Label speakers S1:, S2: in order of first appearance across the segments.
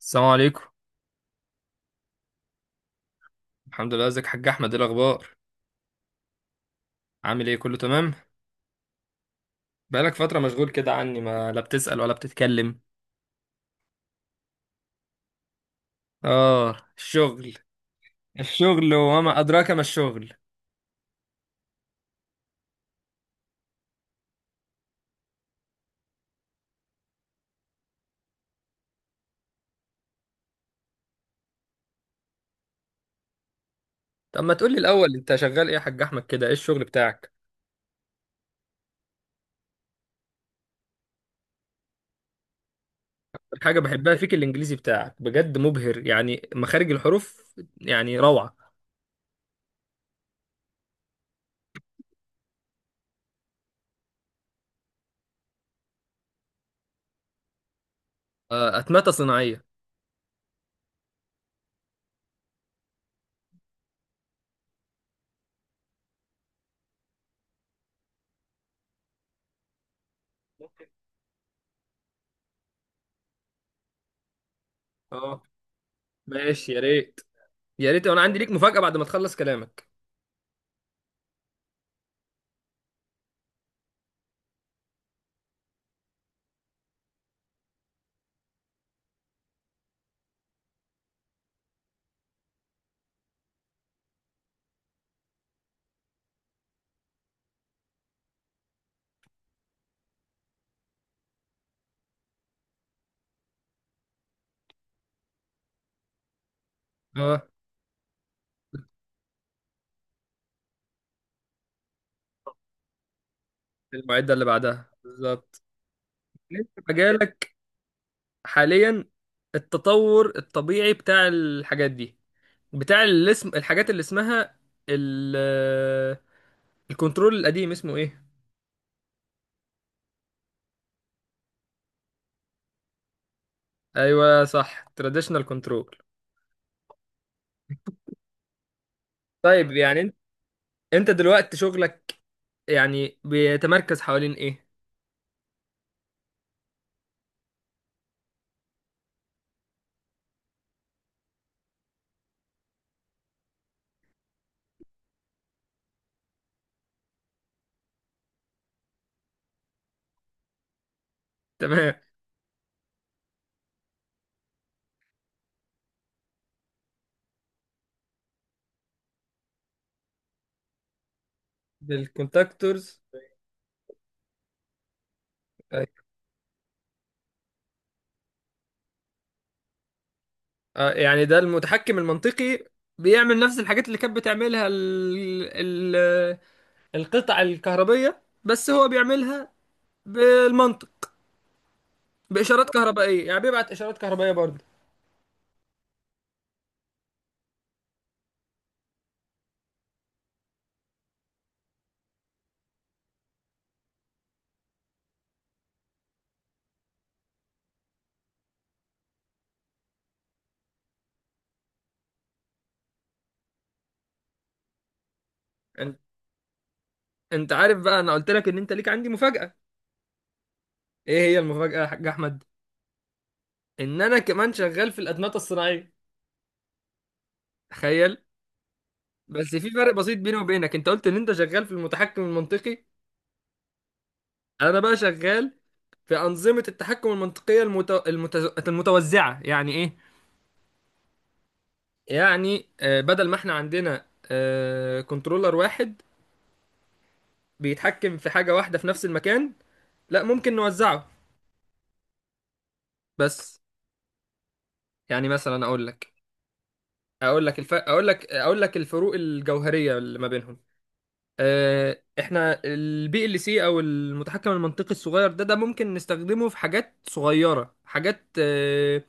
S1: السلام عليكم. الحمد لله، ازيك يا حاج احمد؟ ايه الاخبار؟ عامل ايه؟ كله تمام؟ بقالك فتره مشغول كده عني، ما لا بتسأل ولا بتتكلم. اه الشغل، الشغل وما ادراك ما الشغل. طب ما تقولي الاول، انت شغال ايه يا حاج احمد كده؟ ايه الشغل بتاعك؟ الحاجه بحبها فيك الانجليزي بتاعك، بجد مبهر، يعني مخارج الحروف يعني روعه. اتمته صناعيه. اه، ماشي، يا ريت، يا ريت. انا عندي ليك مفاجأة بعد ما تخلص كلامك. اه، المعدة اللي بعدها بالظبط. انت مجالك حاليا، التطور الطبيعي بتاع الحاجات دي، بتاع الاسم، الحاجات اللي اسمها ال الكنترول القديم اسمه ايه؟ ايوه صح، تراديشنال كنترول. طيب، يعني انت دلوقتي شغلك يعني بيتمركز حوالين ايه؟ تمام، بالكونتاكتورز. أيوة. يعني ده المتحكم المنطقي بيعمل نفس الحاجات اللي كانت بتعملها ال... القطع الكهربية، بس هو بيعملها بالمنطق، باشارات كهربائيه، يعني بيبعت اشارات كهربائيه برضه. انت انت عارف بقى انا قلت لك ان انت ليك عندي مفاجاه؟ ايه هي المفاجاه يا حاج احمد؟ ان انا كمان شغال في الادمغه الصناعيه، تخيل. بس في فرق بسيط بيني وبينك، انت قلت ان انت شغال في المتحكم المنطقي، انا بقى شغال في انظمه التحكم المنطقيه المتوزعه. يعني ايه؟ يعني بدل ما احنا عندنا كنترولر واحد بيتحكم في حاجه واحده في نفس المكان، لا، ممكن نوزعه. بس يعني مثلا اقول لك اقول لك الف... اقول لك اقول لك الفروق الجوهريه اللي ما بينهم. احنا البي ال سي او المتحكم المنطقي الصغير ده ممكن نستخدمه في حاجات صغيره، حاجات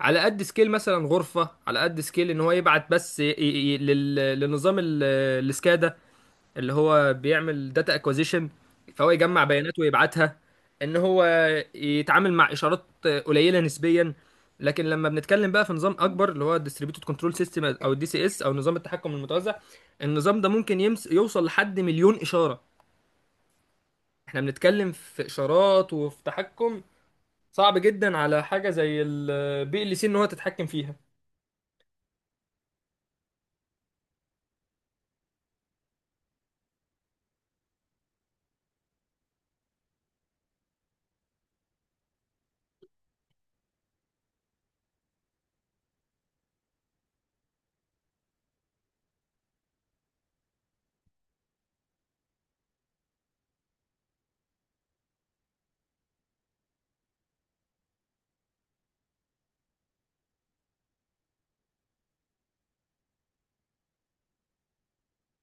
S1: على قد سكيل، مثلا غرفه، على قد سكيل ان هو يبعت بس لنظام السكادا اللي هو بيعمل داتا اكوزيشن، فهو يجمع بيانات ويبعتها. ان هو يتعامل مع اشارات قليله نسبيا. لكن لما بنتكلم بقى في نظام اكبر، اللي هو الديستريبيوتد كنترول سيستم او الدي سي اس او نظام التحكم المتوزع، النظام ده ممكن يمس يوصل لحد 1000000 اشاره. احنا بنتكلم في اشارات وفي تحكم صعب جدا على حاجه زي البي ال سي ان هو تتحكم فيها.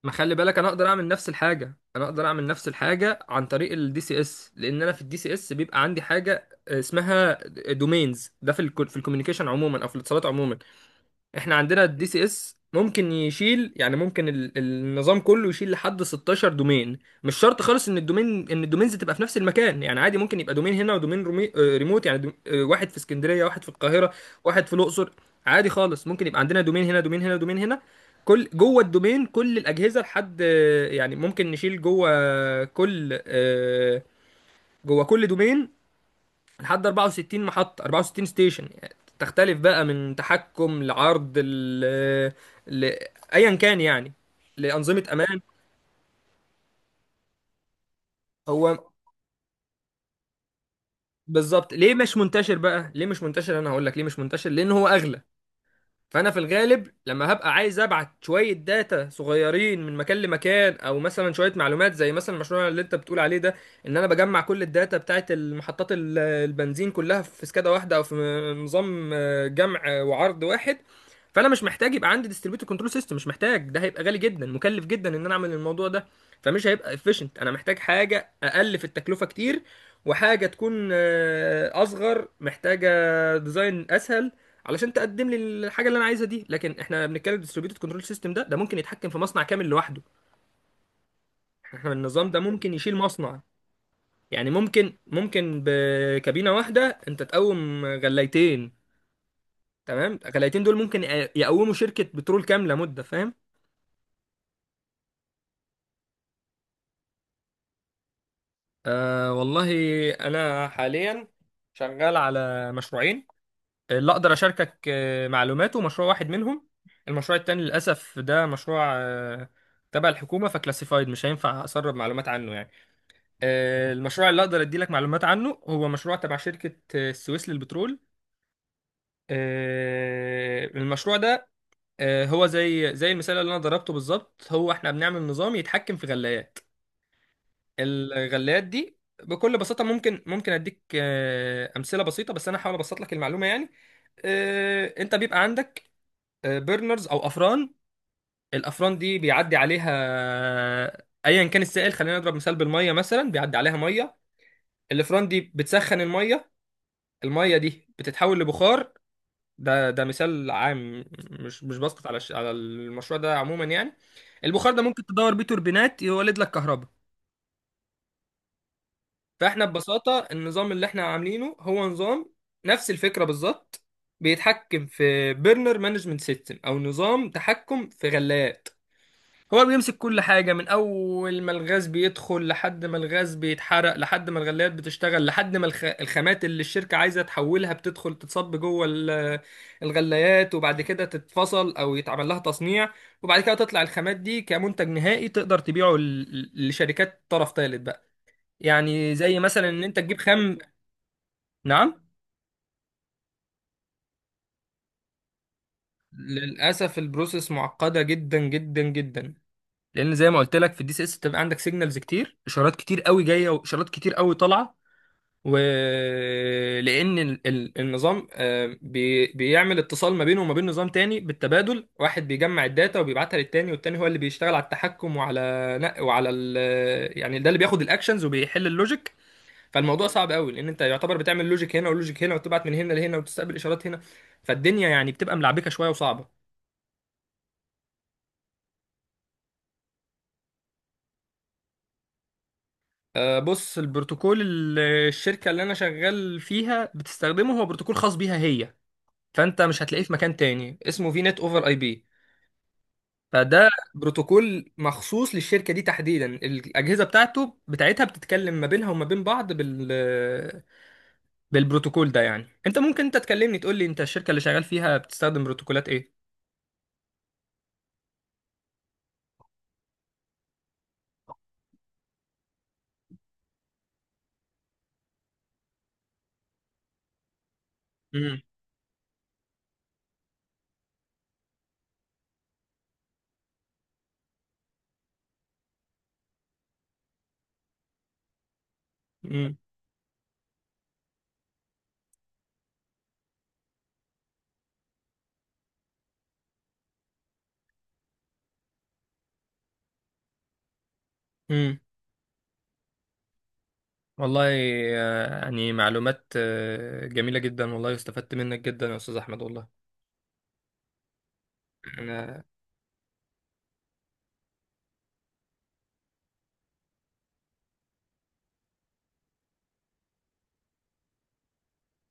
S1: ما خلي بالك، انا اقدر اعمل نفس الحاجه، عن طريق الدي سي اس، لان انا في الدي سي اس بيبقى عندي حاجه اسمها دومينز. ده في ال في الكوميونيكيشن عموما او في الاتصالات عموما. احنا عندنا الدي سي اس ممكن يشيل، يعني ممكن النظام كله يشيل لحد 16 دومين. مش شرط خالص ان الدومين، ان الدومينز تبقى في نفس المكان. يعني عادي ممكن يبقى دومين هنا ودومين رومي... آه، ريموت، يعني دوم... آه، واحد في اسكندرية واحد في القاهرة واحد في الاقصر. عادي خالص، ممكن يبقى عندنا دومين هنا دومين هنا دومين هنا. كل جوه الدومين، كل الاجهزه لحد يعني ممكن نشيل جوه كل دومين لحد 64 محطة، 64 ستيشن. يعني تختلف بقى من تحكم لعرض ل... ايا كان يعني، لأنظمة امان. هو بالظبط ليه مش منتشر بقى ليه مش منتشر انا هقول لك ليه مش منتشر؟ لان هو اغلى. فانا في الغالب لما هبقى عايز ابعت شويه داتا صغيرين من مكان لمكان، او مثلا شويه معلومات زي مثلا المشروع اللي انت بتقول عليه ده، ان انا بجمع كل الداتا بتاعت المحطات البنزين كلها في سكادا واحده، او في نظام جمع وعرض واحد. فانا مش محتاج يبقى عندي ديستريبيوتور كنترول سيستم، مش محتاج، ده هيبقى غالي جدا، مكلف جدا ان انا اعمل الموضوع ده. فمش هيبقى efficient، انا محتاج حاجه اقل في التكلفه كتير، وحاجه تكون اصغر، محتاجه ديزاين اسهل علشان تقدم لي الحاجه اللي انا عايزها دي. لكن احنا بنتكلم ديستريبيوتد كنترول سيستم، ده ممكن يتحكم في مصنع كامل لوحده. احنا النظام ده ممكن يشيل مصنع. يعني ممكن بكابينه واحده انت تقوم غلايتين، تمام، غلايتين دول ممكن يقوموا شركه بترول كامله، مده فاهم؟ آه والله. انا حاليا شغال على مشروعين، اللي اقدر اشاركك معلوماته مشروع واحد منهم. المشروع التاني للاسف ده مشروع تبع الحكومه، فكلاسيفايد، مش هينفع اسرب معلومات عنه يعني. المشروع اللي اقدر اديلك معلومات عنه هو مشروع تبع شركة السويس للبترول. المشروع ده هو زي زي المثال اللي انا ضربته بالظبط. هو احنا بنعمل نظام يتحكم في غلايات. الغلايات دي بكل بساطة، ممكن اديك امثلة بسيطة، بس انا هحاول ابسط لك المعلومة يعني. انت بيبقى عندك بيرنرز او افران. الافران دي بيعدي عليها ايا كان السائل، خلينا نضرب مثال بالميه، مثلا بيعدي عليها ميه. الافران دي بتسخن الميه، الميه دي بتتحول لبخار. ده مثال عام، مش بسقط على على المشروع ده عموما يعني. البخار ده ممكن تدور بيه توربينات، يولد لك كهرباء. فاحنا ببساطه النظام اللي احنا عاملينه هو نظام نفس الفكره بالظبط. بيتحكم في بيرنر مانجمنت سيستم او نظام تحكم في غلاف. هو اللي بيمسك كل حاجة، من أول ما الغاز بيدخل، لحد ما الغاز بيتحرق، لحد ما الغليات بتشتغل، لحد ما الخامات اللي الشركة عايزة تحولها بتدخل، تتصب جوه الغليات، وبعد كده تتفصل أو يتعمل لها تصنيع، وبعد كده تطلع الخامات دي كمنتج نهائي تقدر تبيعه لشركات طرف ثالث بقى. يعني زي مثلا إن أنت تجيب خام. نعم. للأسف البروسيس معقدة جدا جدا جدا، لان زي ما قلت لك في الدي سي اس بتبقى عندك سيجنالز كتير، اشارات كتير قوي جايه واشارات كتير قوي طالعه. ولأن النظام بيعمل اتصال ما بينه وما بين نظام تاني بالتبادل. واحد بيجمع الداتا وبيبعتها للتاني، والتاني هو اللي بيشتغل على التحكم وعلى نق- وعلى ال يعني، ده اللي بياخد الاكشنز وبيحل اللوجيك. فالموضوع صعب قوي، لأن انت يعتبر بتعمل لوجيك هنا ولوجيك هنا وتبعت من هنا لهنا وتستقبل اشارات هنا. فالدنيا يعني بتبقى ملعبكة شوية وصعبة. بص، البروتوكول الشركة اللي أنا شغال فيها بتستخدمه هو بروتوكول خاص بيها هي، فأنت مش هتلاقيه في مكان تاني. اسمه في نت أوفر أي بي. فده بروتوكول مخصوص للشركه دي تحديدا، الاجهزه بتاعتها بتتكلم ما بينها وما بين بعض بالبروتوكول ده. يعني انت ممكن انت تكلمني تقول لي انت الشركه اللي شغال فيها بتستخدم بروتوكولات ايه؟ امم، امم، امم. والله، يعني معلومات جميله جدا والله، استفدت منك جدا يا استاذ احمد والله. انا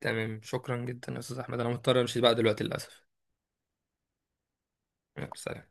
S1: تمام، شكرا جدا يا استاذ احمد، انا مضطر امشي بقى دلوقتي للاسف. يلا، سلام.